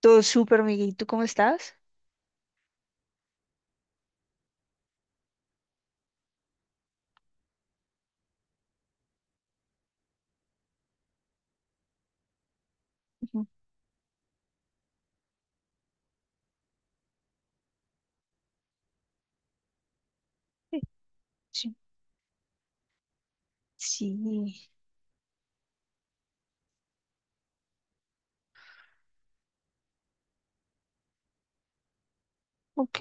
Todo súper, Miguel. ¿Y tú cómo estás? Ujú. Sí, sí. Sí. Ok.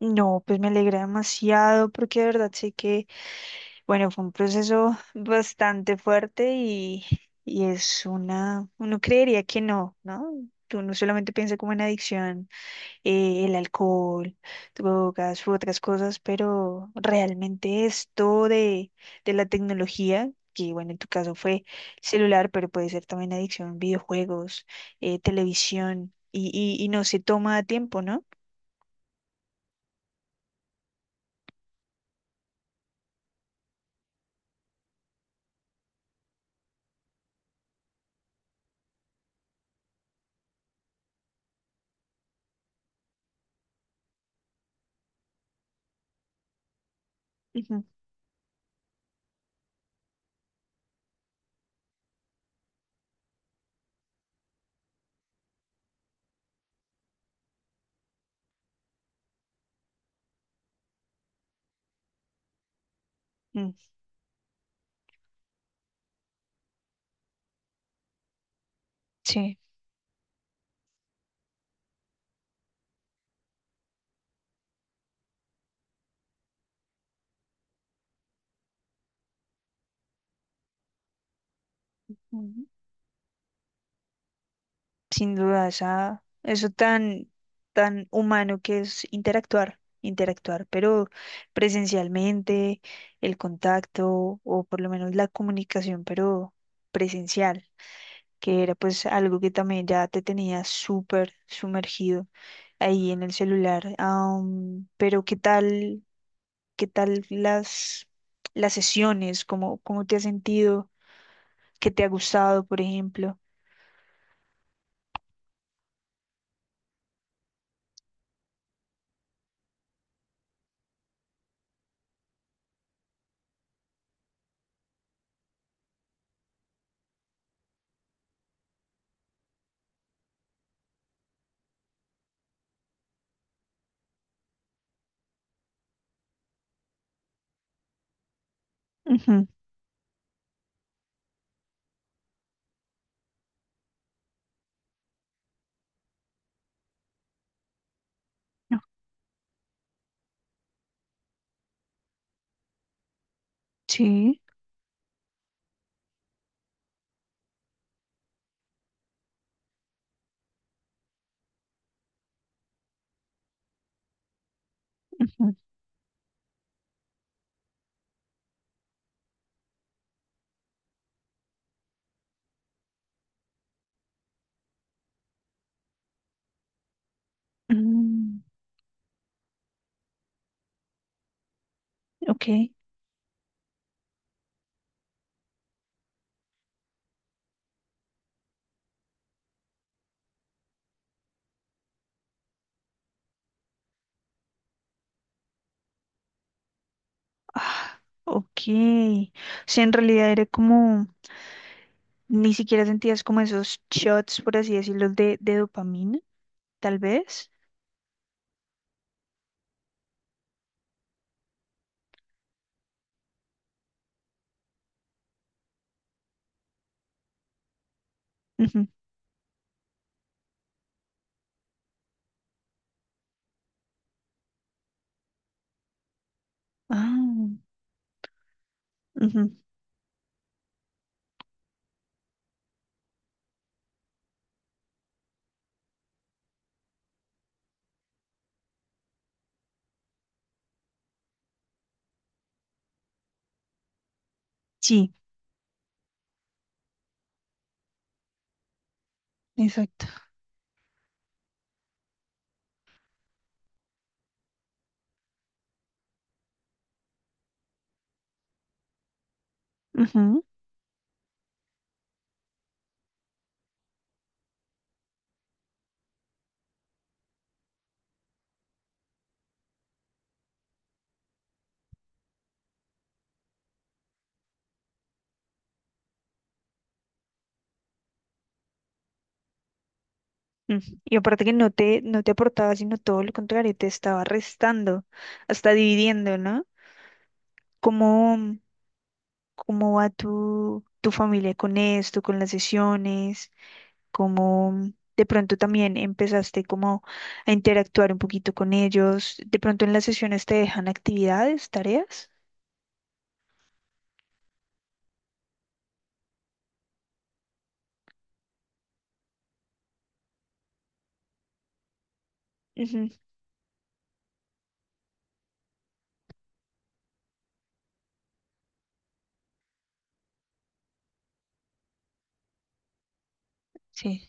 No, pues me alegra demasiado porque de verdad sé que, bueno, fue un proceso bastante fuerte y es uno creería que no, ¿no? Uno solamente piensa como en adicción. El alcohol, drogas u otras cosas, pero realmente esto de la tecnología, que bueno, en tu caso fue celular, pero puede ser también adicción, videojuegos, televisión, y no se toma a tiempo, ¿no? Ujú. Mm. Sí. Sin duda, eso tan humano que es interactuar, interactuar, pero presencialmente, el contacto o por lo menos la comunicación, pero presencial, que era pues algo que también ya te tenía súper sumergido ahí en el celular. Pero ¿qué tal las sesiones? ¿Cómo te has sentido? ¿Qué te ha gustado, por ejemplo? Ujú. Sí. Mm. Ok. Ah, ok. O sea, en realidad era como, ni siquiera sentías como esos shots, por así decirlo, de dopamina, tal vez. Ujú. Ah, ujú. Sí, exacto. Ujú. Mm. Y aparte que no te aportaba, sino todo lo contrario, te estaba restando, hasta dividiendo, ¿no? ¿Cómo, cómo va tu familia con esto, con las sesiones? Cómo de pronto también empezaste como a interactuar un poquito con ellos. De pronto en las sesiones te dejan actividades, tareas. Ujú. Sí.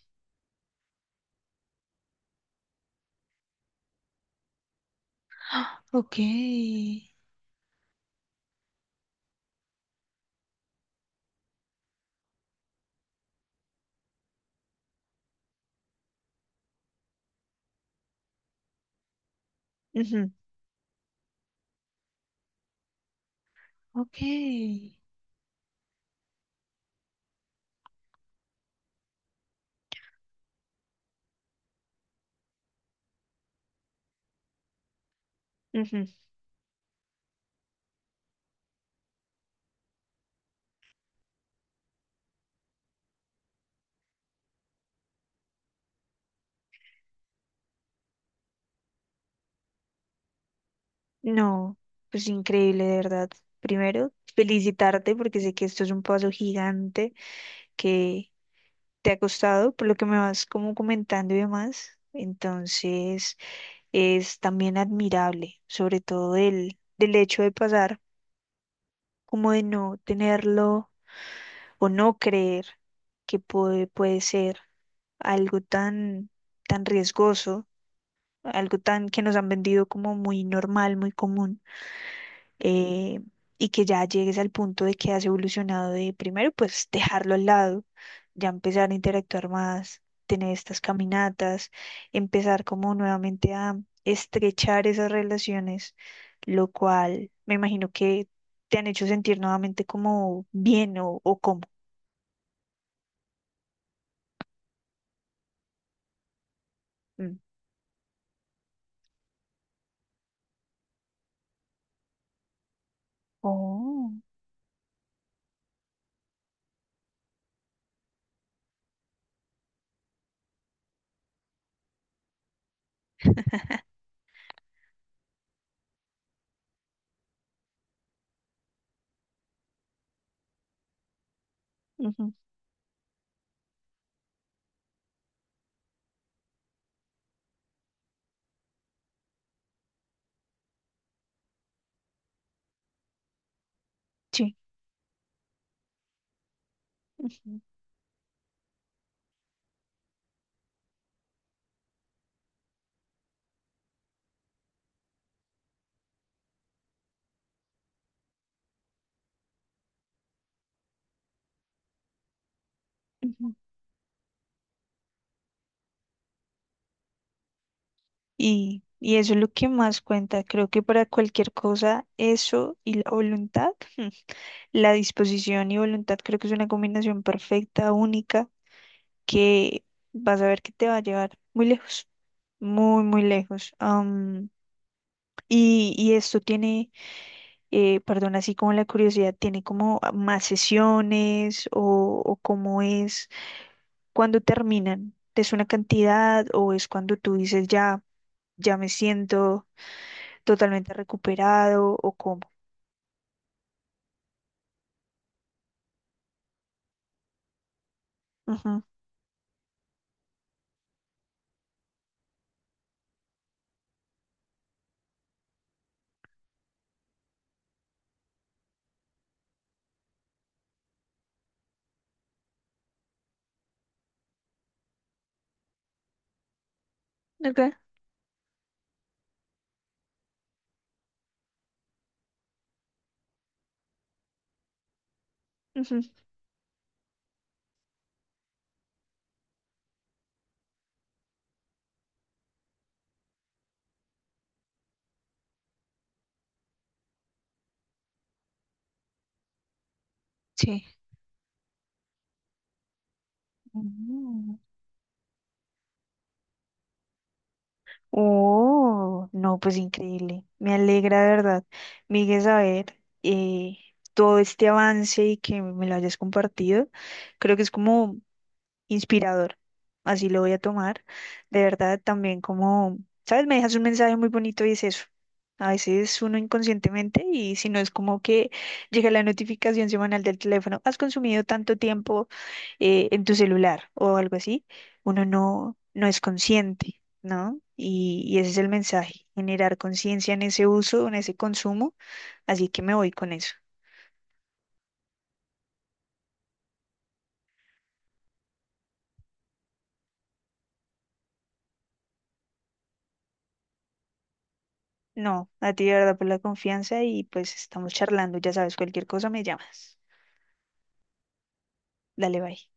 Ok. Ujú. Ok. Ujú. No, pues increíble, de verdad. Primero, felicitarte porque sé que esto es un paso gigante que te ha costado, por lo que me vas como comentando y demás. Entonces, es también admirable, sobre todo del hecho de pasar. Como de no tenerlo o no creer que puede ser algo tan riesgoso, algo tan que nos han vendido como muy normal, muy común, eh, y que ya llegues al punto de que has evolucionado de primero, pues dejarlo al lado, ya empezar a interactuar más, tener estas caminatas, empezar como nuevamente a estrechar esas relaciones, lo cual me imagino que te han hecho sentir nuevamente como bien o como. Mm. Oh. Ujú. Sí. Ujú, ujú. Y eso es lo que más cuenta. Creo que para cualquier cosa, eso y la voluntad. La disposición y voluntad creo que es una combinación perfecta, única, que vas a ver que te va a llevar muy lejos, muy, muy lejos. Y esto tiene, perdón, así como la curiosidad, tiene como más sesiones o cómo es cuando terminan. ¿Es una cantidad o es cuando tú dices ya, ya me siento totalmente recuperado o cómo? Ujú. Ok. Ujú. Sí. Mm. Oh, no, pues increíble. Me alegra, de verdad, Miguel, saber, todo este avance y que me lo hayas compartido. Creo que es como inspirador. Así lo voy a tomar. De verdad, también como, ¿sabes? Me dejas un mensaje muy bonito y es eso. A veces uno inconscientemente y si no es como que llega la notificación semanal del teléfono, has consumido tanto tiempo, en tu celular o algo así, uno no es consciente, ¿no? Y ese es el mensaje, generar conciencia en ese uso, en ese consumo, así que me voy con eso. No, a ti de verdad por la confianza y pues estamos charlando, ya sabes, cualquier cosa me llamas. Dale, bye.